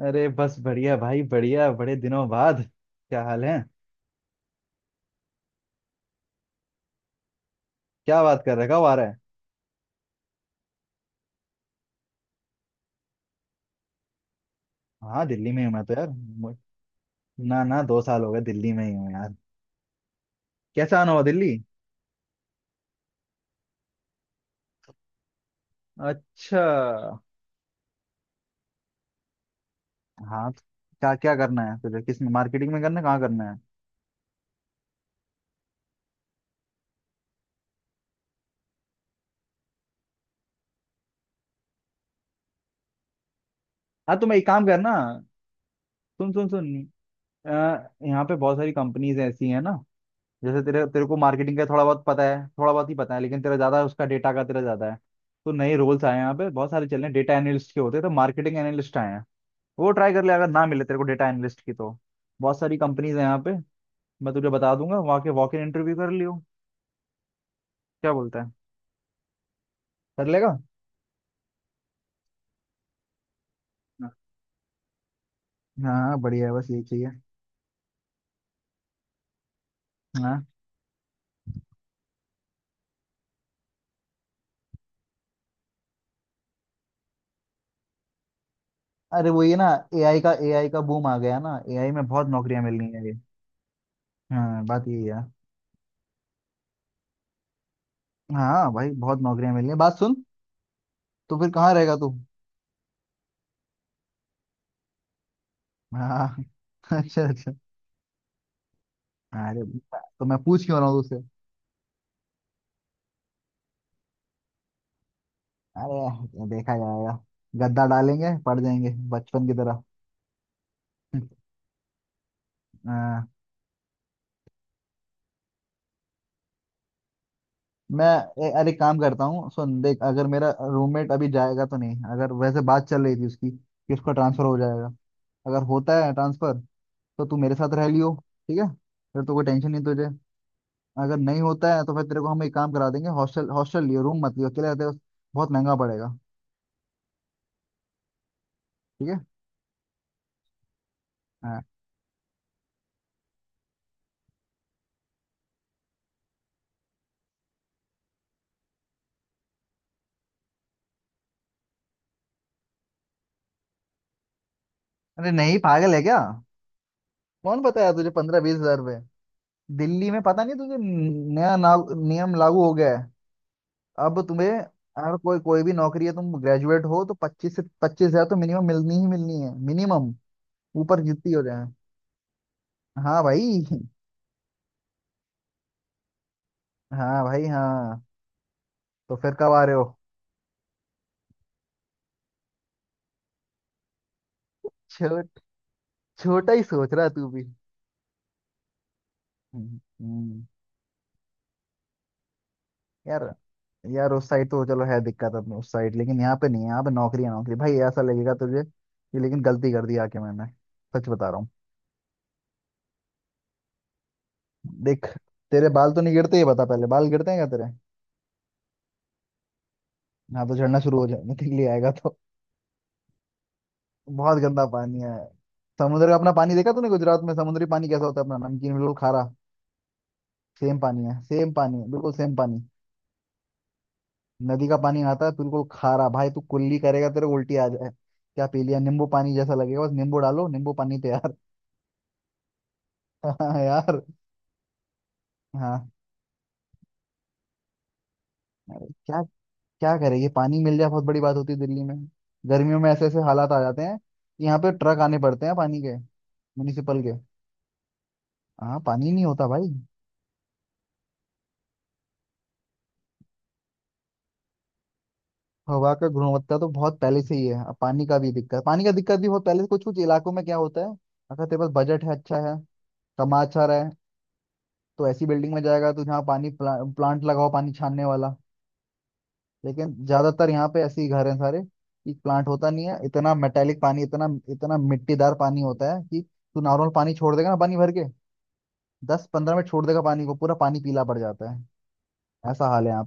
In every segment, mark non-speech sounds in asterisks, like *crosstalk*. अरे बस बढ़िया भाई बढ़िया बड़े दिनों बाद। क्या हाल है? क्या बात? कर रखा हुआ, आ रहा है? हाँ, दिल्ली में हूँ मैं तो यार, ना ना, 2 साल हो गए, दिल्ली में ही हूँ यार। कैसा आना हुआ दिल्ली? अच्छा। हाँ तो क्या क्या करना है तुझे? किस में, मार्केटिंग में करना है? कहाँ करना है? हाँ, तुम एक काम करना। सुन सुन सुन। अ, यहाँ पे बहुत सारी कंपनीज ऐसी हैं ना, जैसे तेरे तेरे को मार्केटिंग का थोड़ा बहुत पता है, थोड़ा बहुत ही पता है, लेकिन तेरा ज्यादा उसका, डेटा का तेरा ज्यादा है। तो नए रोल्स आए हैं यहाँ पे, बहुत सारे चल रहे हैं, डेटा एनालिस्ट के होते हैं, तो मार्केटिंग एनालिस्ट आए हैं। वो ट्राई कर ले, अगर ना मिले तेरे को डेटा एनालिस्ट की तो। बहुत सारी कंपनीज है यहाँ पे, मैं तुझे बता दूंगा, वहाँ के वॉक इन इंटरव्यू कर लियो। क्या बोलता है? कर लेगा? हाँ। हाँ, बढ़िया है, बस यही चाहिए। हाँ। अरे वो ये ना, एआई का बूम आ गया ना, एआई में बहुत नौकरियां मिल रही हैं, ये। हाँ, बात यही है। हाँ भाई, बहुत नौकरियां मिल रही हैं। बात सुन, तो फिर कहाँ रहेगा तू? हाँ। *laughs* अच्छा अच्छा। अरे, तो मैं पूछ क्यों रहा हूँ तुझसे? अरे देखा जाएगा, गद्दा डालेंगे, पड़ जाएंगे बचपन की तरह। *laughs* हाँ। मैं अरे, काम करता हूँ, सुन देख, अगर मेरा रूममेट अभी जाएगा तो, नहीं अगर, वैसे बात चल रही थी उसकी कि उसका ट्रांसफर हो जाएगा। अगर होता है ट्रांसफर, तो तू मेरे साथ रह लियो, ठीक है? फिर तो कोई टेंशन नहीं तुझे। अगर नहीं होता है, तो फिर तेरे को हम एक काम करा देंगे, हॉस्टल हॉस्टल लियो, रूम मत लियो अकेले रहते हो, बहुत महंगा पड़ेगा। ठीक है। हाँ। अरे नहीं, पागल है क्या? कौन बताया तुझे 15 20 हज़ार रुपए? दिल्ली में पता नहीं तुझे, नियम लागू हो गया। अब तुम्हें अगर कोई, कोई भी नौकरी है, तुम ग्रेजुएट हो, तो 25 से 25 हज़ार तो मिनिमम मिलनी ही मिलनी है, मिनिमम। ऊपर जितनी हो जाए। हाँ भाई। हाँ भाई। हाँ, तो फिर कब आ रहे हो? छोट छोटा ही सोच रहा है तू भी। हम्म, हम्म। यार, यार उस साइड तो चलो है दिक्कत, अपने उस साइड। लेकिन यहाँ पे नहीं है, यहाँ पे नौकरी है, नौकरी भाई। ऐसा लगेगा तुझे कि लेकिन गलती कर दी आके मैंने। सच बता रहा हूँ। देख, तेरे बाल तो नहीं गिरते? ये बता पहले, बाल गिरते हैं क्या तेरे? हाँ, तो झड़ना शुरू हो जाएगा, निकल ही आएगा तो। बहुत गंदा पानी है। समुद्र का अपना पानी देखा तूने गुजरात में? समुद्री पानी कैसा होता है अपना, नमकीन, बिल्कुल खारा। सेम पानी है, सेम पानी है, बिल्कुल सेम पानी। नदी का पानी आता है बिल्कुल खारा भाई। तू कुल्ली करेगा तेरे को उल्टी आ जाए, क्या पी लिया? नींबू पानी जैसा लगेगा। बस नींबू डालो, नींबू पानी तैयार। *laughs* हाँ यार। हाँ। क्या? क्या करें? ये पानी मिल जाए बहुत बड़ी बात होती है दिल्ली में। गर्मियों में ऐसे ऐसे हालात आ जाते हैं कि यहाँ पे ट्रक आने पड़ते हैं पानी के, म्यूनिसिपल के। हाँ, पानी नहीं होता भाई। हवा का गुणवत्ता तो बहुत पहले से ही है, अब पानी का भी दिक्कत, पानी का दिक्कत भी बहुत पहले से। कुछ कुछ इलाकों में क्या होता है, अगर तेरे पास बजट है, अच्छा है, कमा अच्छा रहा है, तो ऐसी बिल्डिंग में जाएगा तो जहाँ पानी प्लांट लगाओ, पानी छानने वाला। लेकिन ज्यादातर यहाँ पे ऐसे ही घर हैं सारे कि प्लांट होता नहीं है। इतना मेटेलिक पानी, इतना, इतना मिट्टीदार पानी होता है कि तू नॉर्मल पानी छोड़ देगा ना, पानी भर के 10 15 मिनट छोड़ देगा पानी को, पूरा पानी पीला पड़ जाता है। ऐसा हाल है यहाँ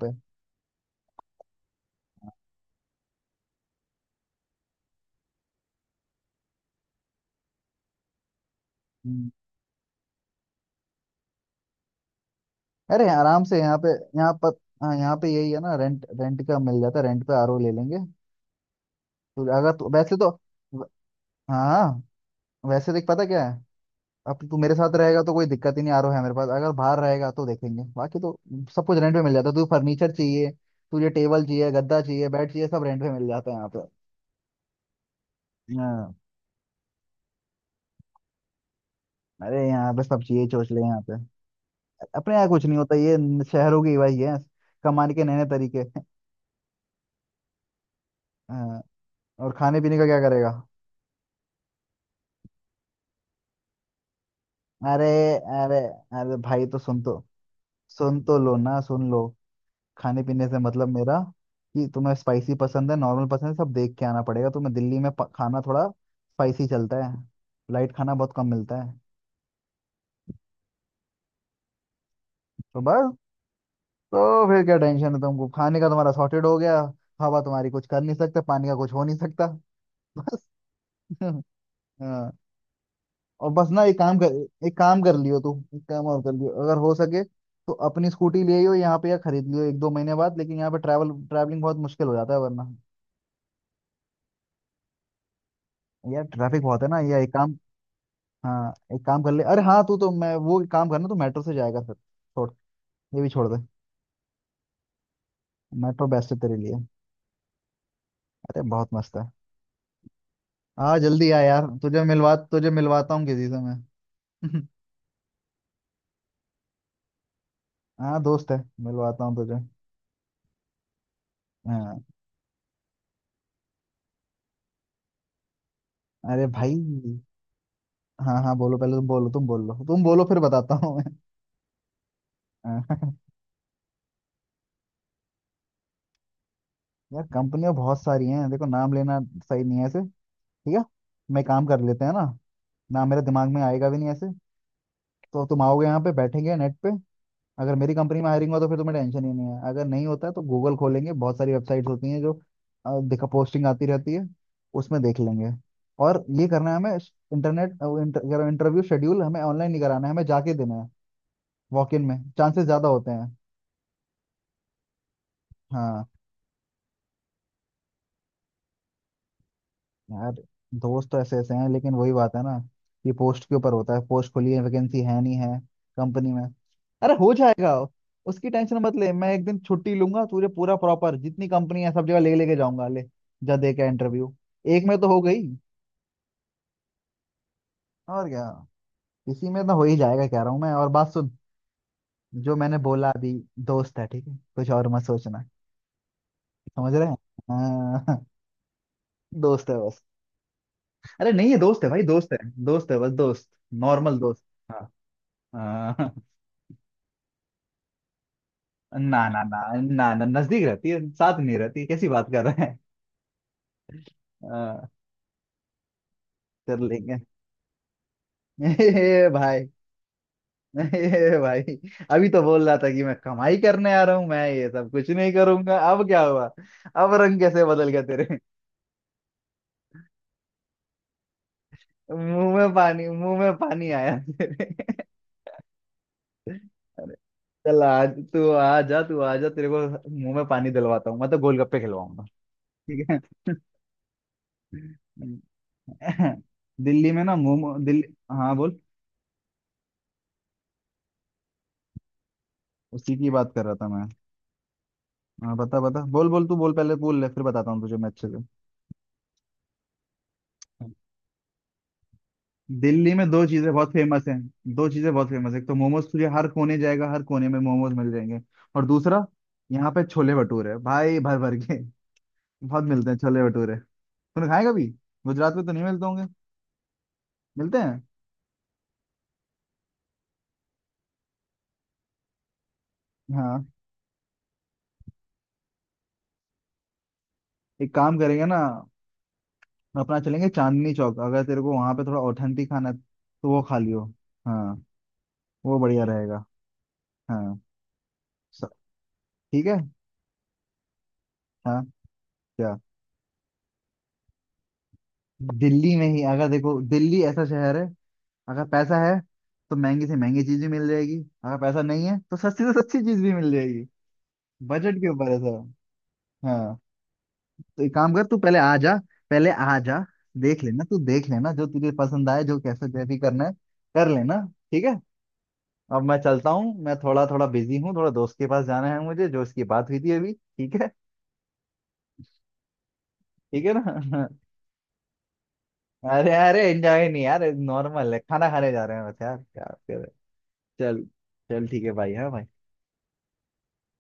पे। अरे आराम से यहाँ पे, यहाँ पर। हाँ, यहाँ पे यही है ना, रेंट, रेंट का मिल जाता है, रेंट पे आरओ ले लेंगे। तो अगर तू, वैसे तो, व- हाँ। वैसे देख, पता क्या है, अब तू मेरे साथ रहेगा तो कोई दिक्कत ही नहीं, आरओ है मेरे पास। अगर बाहर रहेगा तो देखेंगे। बाकी तो सब कुछ रेंट पे मिल जाता है। तुझे फर्नीचर चाहिए, तुझे टेबल चाहिए, गद्दा चाहिए, बेड चाहिए, सब रेंट पे मिल जाता है यहाँ पे। हाँ। अरे यहाँ पे सब चाहिए, सोच ले यहाँ पे। अपने यहाँ कुछ नहीं होता ये। शहरों की वही है, कमाने के नए नए तरीके। हाँ। और खाने पीने का क्या करेगा? अरे। अरे। अरे भाई तो सुन तो, सुन तो लो ना, सुन लो। खाने पीने से मतलब मेरा कि तुम्हें स्पाइसी पसंद है, नॉर्मल पसंद है, सब देख के आना पड़ेगा तुम्हें। दिल्ली में खाना थोड़ा स्पाइसी चलता है, लाइट खाना बहुत कम मिलता है। तो बस, तो फिर क्या टेंशन है तुमको खाने का? तुम्हारा सॉर्टेड हो गया। हवा तुम्हारी कुछ कर नहीं सकते, पानी का कुछ हो नहीं सकता। *laughs* हाँ। और बस ना, एक काम कर, एक काम कर लियो तू, एक काम और कर लियो अगर हो सके तो, अपनी स्कूटी ले आइयो यहाँ पे, या खरीद लियो 1 2 महीने बाद, लेकिन यहाँ पे ट्रैवलिंग बहुत मुश्किल हो जाता है वरना। यार ट्रैफिक बहुत है ना। या एक काम, हाँ एक काम कर ले, अरे हाँ तू तो, मैं वो, एक काम करना, तू मेट्रो से जाएगा, फिर छोड़, ये भी छोड़ दे, मेट्रो बेस्ट है तेरे लिए। अरे बहुत मस्त है। हाँ, जल्दी आ यार, तुझे मिलवाता हूँ किसी से मैं। *laughs* हाँ, दोस्त है, मिलवाता हूँ तुझे। हाँ। अरे भाई। हाँ हाँ, बोलो पहले, तुम बोलो, तुम बोलो, तुम बोलो, फिर बताता हूँ मैं। हाँ। यार कंपनियां बहुत सारी हैं, देखो नाम लेना सही नहीं है ऐसे। ठीक है? मैं काम कर लेते हैं ना, नाम मेरे दिमाग में आएगा भी नहीं ऐसे। तो तुम आओगे, यहाँ पे बैठेंगे नेट पे, अगर मेरी कंपनी में हायरिंग हो तो फिर तुम्हें टेंशन ही नहीं है। अगर नहीं होता है तो गूगल खोलेंगे, बहुत सारी वेबसाइट्स होती हैं जो दिखा, पोस्टिंग आती रहती है, उसमें देख लेंगे। और ये करना है हमें, इंटरनेट, इंटरव्यू शेड्यूल हमें ऑनलाइन नहीं कराना है, हमें जाके देना है, वॉक इन में चांसेस ज्यादा होते हैं। हाँ। यार, दोस्त तो ऐसे ऐसे हैं, लेकिन वही बात है ना, कि पोस्ट के ऊपर होता है, पोस्ट खुली है, वैकेंसी है नहीं है कंपनी में। अरे हो जाएगा, उसकी टेंशन मत ले। मैं एक दिन छुट्टी लूंगा, तुझे पूरा प्रॉपर जितनी कंपनी है सब जगह ले लेके जाऊंगा, ले जा, दे के इंटरव्यू, एक में तो हो गई, और क्या, इसी में तो हो ही जाएगा, कह रहा हूँ मैं। और बात सुन, जो मैंने बोला अभी, दोस्त है ठीक है? कुछ और मत सोचना। समझ रहे हैं। हाँ। *laughs* दोस्त है बस। अरे नहीं है, दोस्त है भाई, दोस्त है। दोस्त है बस, दोस्त, नॉर्मल दोस्त। हाँ। हाँ। ना ना ना ना ना, नजदीक रहती है, साथ नहीं रहती, कैसी बात कर रहे हैं! हाँ, कर लेंगे। *laughs* ए भाई। ए भाई, अभी तो बोल रहा था कि मैं कमाई करने आ रहा हूँ, मैं ये सब कुछ नहीं करूंगा। अब क्या हुआ? अब रंग कैसे बदल गया तेरे? मुंह में पानी, मुंह में पानी आया तेरे? अरे चल आज तू आ जा, तू आ जा, तेरे को मुंह में पानी दिलवाता हूँ मैं, तो गोलगप्पे खिलवाऊंगा। ठीक है? दिल्ली में ना मोमो, दिल्ली। हाँ बोल। उसी की बात कर रहा था मैं। हाँ बता बता, बोल बोल, तू बोल पहले, बोल ले, फिर बताता हूँ तुझे मैं अच्छे से। दिल्ली में दो चीजें बहुत फेमस हैं, दो चीजें बहुत फेमस है, एक तो मोमोज, तुझे हर कोने जाएगा, हर कोने में मोमोज मिल जाएंगे। और दूसरा यहाँ पे छोले भटूरे भाई, भर भर के बहुत मिलते हैं छोले भटूरे। तूने खाए कभी? गुजरात में तो नहीं मिलते होंगे। मिलते हैं? हाँ। एक काम करेंगे ना, अपना चलेंगे चांदनी चौक, अगर तेरे को वहां पे थोड़ा ऑथेंटिक खाना है, तो वो खा लियो। हाँ। वो बढ़िया रहेगा। हाँ। स-। ठीक है। हाँ। क्या? दिल्ली में ही अगर देखो, दिल्ली ऐसा शहर है, अगर पैसा है तो महंगी से महंगी चीज भी मिल जाएगी, अगर पैसा नहीं है तो सस्ती से सस्ती चीज भी मिल जाएगी। बजट के ऊपर है सर। हाँ, तो एक काम कर, तू पहले आ जा, पहले आ जा, देख लेना तू, देख लेना जो तुझे पसंद आए, जो कैसे जो भी करना है, कर लेना। ठीक है? अब मैं चलता हूँ, मैं थोड़ा, थोड़ा बिजी हूँ, थोड़ा दोस्त के पास जाना है मुझे, जो उसकी बात हुई थी अभी। ठीक है? ठीक है ना? *laughs* अरे अरे, एंजॉय नहीं यार, नॉर्मल है, खाना खाने जा रहे हैं बस यार, क्या। चल, चल ठीक है भाई। हाँ भाई।